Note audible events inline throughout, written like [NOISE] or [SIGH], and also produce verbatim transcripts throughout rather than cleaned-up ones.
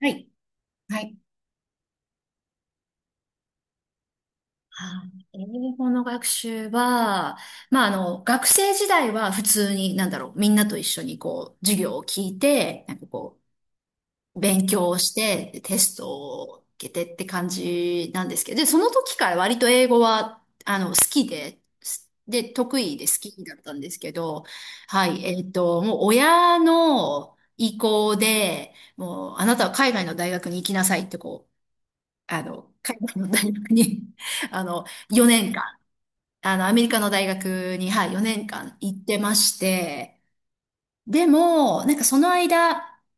はい。はい。はい、英語の学習は、まあ、あの、学生時代は普通に、なんだろう、みんなと一緒にこう、授業を聞いて、なんかこう、勉強をして、テストを受けてって感じなんですけど、で、その時から割と英語は、あの、好きで、で、得意で好きだったんですけど、はい、えっと、もう親の意向で、もう、あなたは海外の大学に行きなさいってこう、あの、海外の大学に [LAUGHS] あの、よねんかん、あの、アメリカの大学に、はい、よねんかん行ってまして、でも、なんかその間、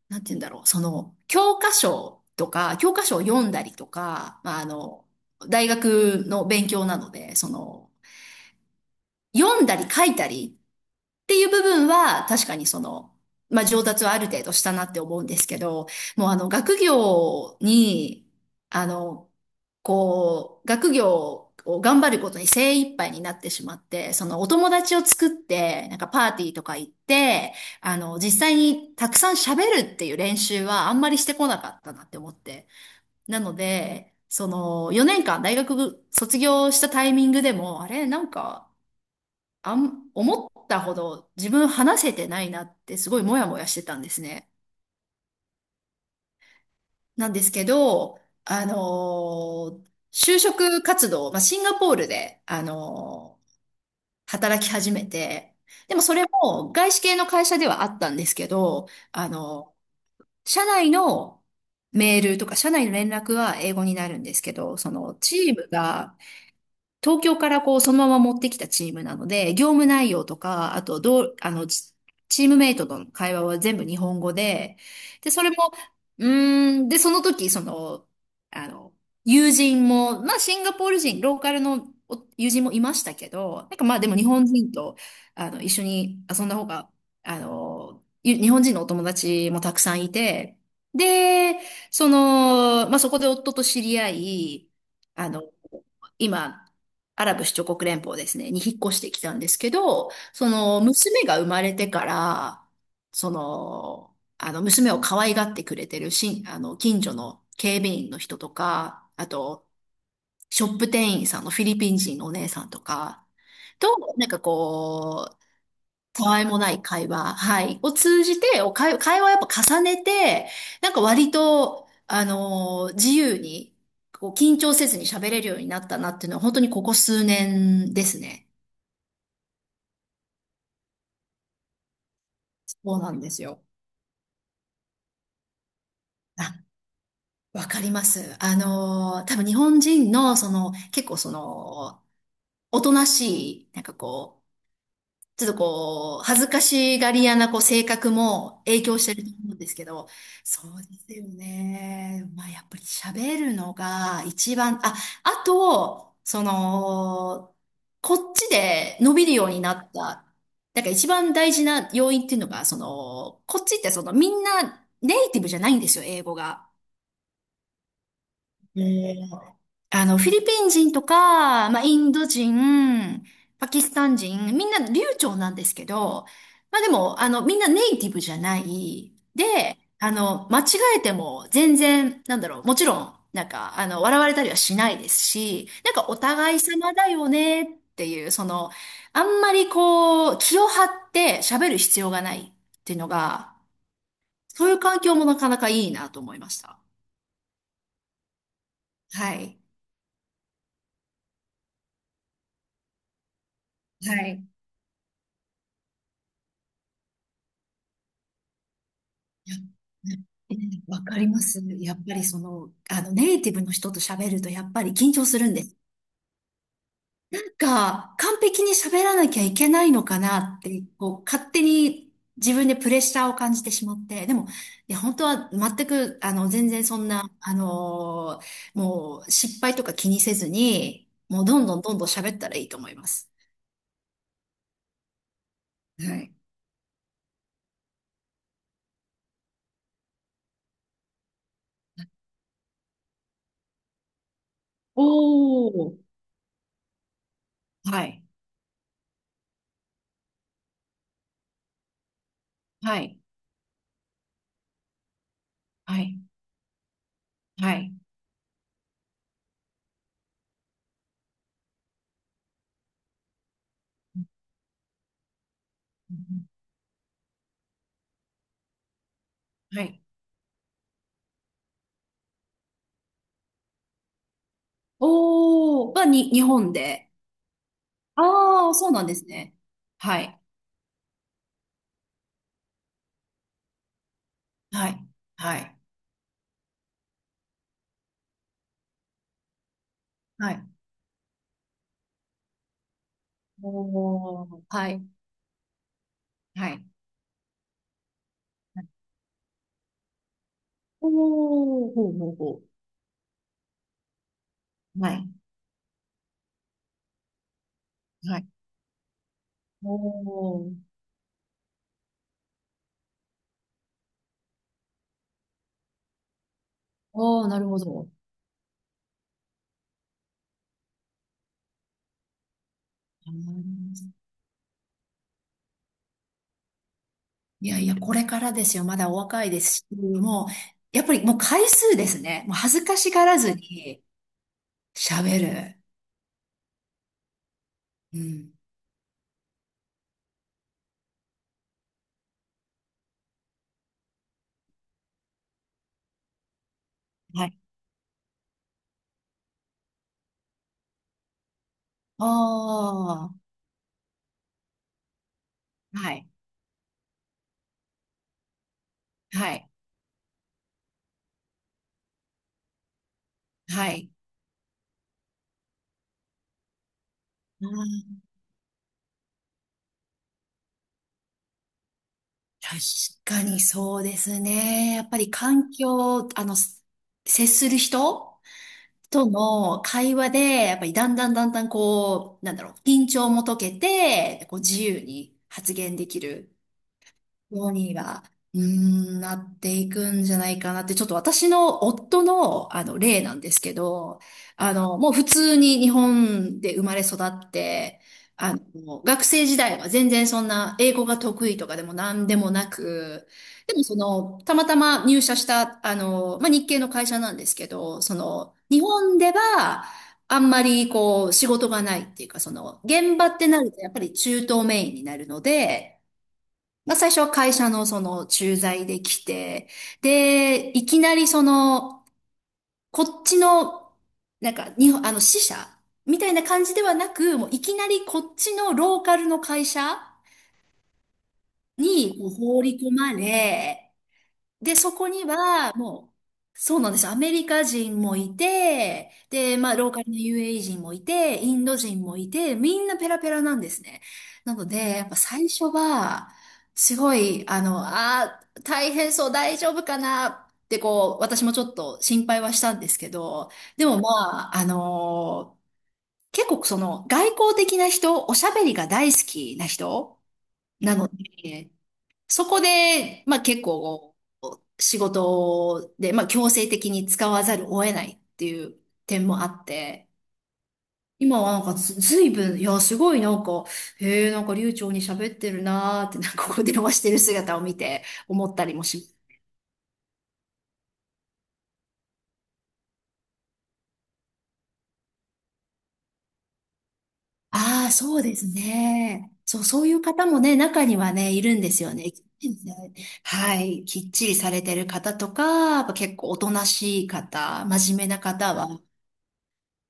なんて言うんだろう、その、教科書とか、教科書を読んだりとか、まあ、あの、大学の勉強なので、その、読んだり書いたりっていう部分は、確かにその、まあ、上達はある程度したなって思うんですけど、もうあの、学業に、あの、こう、学業を頑張ることに精一杯になってしまって、そのお友達を作って、なんかパーティーとか行って、あの、実際にたくさん喋るっていう練習はあんまりしてこなかったなって思って。なので、その、よねんかん大学卒業したタイミングでも、あれ、なんか、あん、思ったほど自分話せてないなってすごいモヤモヤしてたんですね。なんですけど、あのー就職活動、まあ、シンガポールで、あのー働き始めて、でもそれも外資系の会社ではあったんですけど、あの社内のメールとか社内の連絡は英語になるんですけど、そのチームが東京からこう、そのまま持ってきたチームなので、業務内容とか、あと、どう、あの、チチームメイトとの会話は全部日本語で、で、それも、うーん、で、その時、その、あの、友人も、まあ、シンガポール人、ローカルのお友人もいましたけど、なんかまあ、でも日本人と、あの、一緒に遊んだ方が、あの、ゆ日本人のお友達もたくさんいて、で、その、まあ、そこで夫と知り合い、あの、今、アラブ首長国連邦ですね、に引っ越してきたんですけど、その、娘が生まれてから、その、あの、娘を可愛がってくれてるし、あの、近所の警備員の人とか、あと、ショップ店員さんのフィリピン人のお姉さんとか、と、なんかこたわいもない会話、はい、を通じて、お会、会話をやっぱ重ねて、なんか割と、あのー自由に、こう、緊張せずに喋れるようになったなっていうのは、本当にここ数年ですね。そうなんですよ。あ、わかります。あのー多分日本人の、その、結構その、おとなしい、なんかこう、ちょっとこう、恥ずかしがり屋なこう性格も影響してると思うんですけど、そうですよね。まあやっぱり喋るのが一番、あ、あと、その、こっちで伸びるようになった、なんか一番大事な要因っていうのが、その、こっちってそのみんなネイティブじゃないんですよ、英語が。うん。あの、フィリピン人とか、まあ、インド人、パキスタン人、みんな流暢なんですけど、まあ、でも、あの、みんなネイティブじゃない。で、あの、間違えても全然、なんだろう、もちろん、なんか、あの、笑われたりはしないですし、なんかお互い様だよねっていう、その、あんまりこう、気を張って喋る必要がないっていうのが、そういう環境もなかなかいいなと思いました。はい。はい。いやね、ええ、わかります。やっぱりその、あの、ネイティブの人と喋るとやっぱり緊張するんです。なんか、完璧に喋らなきゃいけないのかなって、こう、勝手に自分でプレッシャーを感じてしまって、でも、いや、本当は全く、あの、全然そんな、あのーもう、失敗とか気にせずに、もう、どんどんどんどん喋ったらいいと思います。はい。おー。はい。はい。はい。はい。うん。はい。おー、はに、日本で。ああ、そうなんですね。はい。はい。はい。はい。おー、はい。はい。おー、ほうほうほう。はい。はい。おー、おー、なるほど。いやいや、これからですよ。まだお若いですし、もう、やっぱりもう回数ですね。もう恥ずかしがらずに喋る。うん。はい。ああ、はい。はい。はい。確かにそうですね。やっぱり環境、あの、す接する人との会話で、やっぱりだんだんだんだんこう、なんだろう、緊張も解けて、こう自由に発言できるようには、うーん、なっていくんじゃないかなって、ちょっと私の夫の、あの、例なんですけど、あの、もう普通に日本で生まれ育って、あの、学生時代は全然そんな英語が得意とかでも何でもなく、でもその、たまたま入社した、あの、まあ、日系の会社なんですけど、その、日本では、あんまりこう仕事がないっていうか、その現場ってなるとやっぱり中東メインになるので、まあ、最初は会社のその駐在で来て、で、いきなりその、こっちの、なんか、日本、あの、支社みたいな感じではなく、もういきなりこっちのローカルの会社にこう放り込まれ、で、そこには、もう、そうなんですよ。アメリカ人もいて、で、まあ、ローカルの ユーエーイー 人もいて、インド人もいて、みんなペラペラなんですね。なので、やっぱ最初は、すごい、あの、あー、大変そう、大丈夫かなって、こう、私もちょっと心配はしたんですけど、でもまあ、あのー結構その、外交的な人、おしゃべりが大好きな人なので、そこで、まあ結構、仕事で、まあ強制的に使わざるを得ないっていう点もあって、今はなんかず、ずいぶん、いや、すごいなんか、へえ、なんか流暢に喋ってるなーって、なんかここで電話してる姿を見て思ったりもします。ああ、そうですね。そう、そういう方もね、中にはね、いるんですよね。はい。きっちりされてる方とか、やっぱ結構おとなしい方、真面目な方は、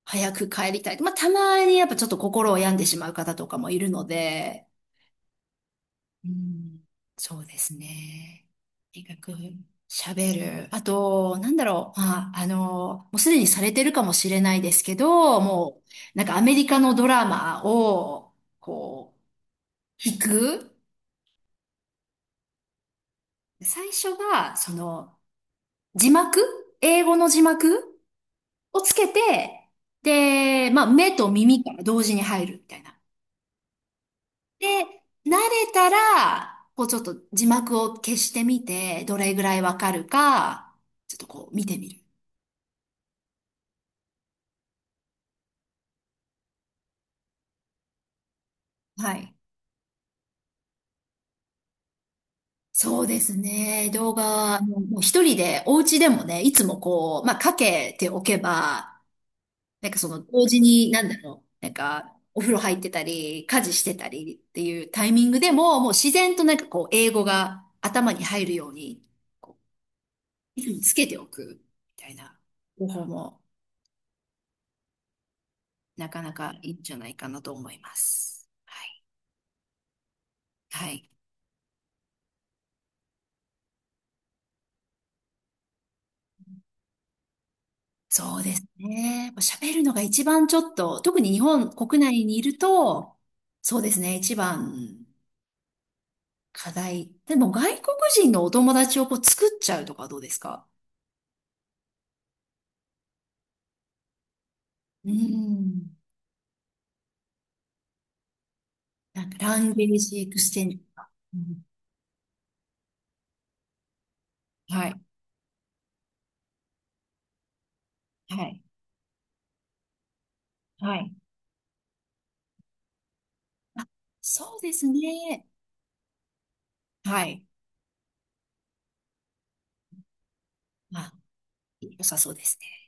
早く帰りたい。まあ、たまにやっぱちょっと心を病んでしまう方とかもいるので、うん、そうですね。とにかく喋る。あと、なんだろう。まあ、あの、もうすでにされてるかもしれないですけど、もう、なんかアメリカのドラマを、こう、聞く。最初は、その、字幕英語の字幕をつけて、で、まあ、目と耳から同時に入るみたいな。で、慣れたら、こうちょっと字幕を消してみて、どれぐらいわかるか、ちょっとこう見てみる。はい。そうですね。動画、もうもう一人で、お家でもね、いつもこう、まあ、かけておけば、なんかその、同時に、なんだろう、なんか、お風呂入ってたり、家事してたりっていうタイミングでも、もう自然となんかこう、英語が頭に入るように、こう、つけておく、みたいな方法もなかなかいいんじゃないかなと思います。はい。はい。そうですね。喋るのが一番ちょっと、特に日本国内にいると、そうですね、一番課題。でも外国人のお友達をこう作っちゃうとかどうですか？うん。なんかランゲージエクスチェンジとか。うん。はい。はい。はい。そうですね。はい。まあ、良さそうですね。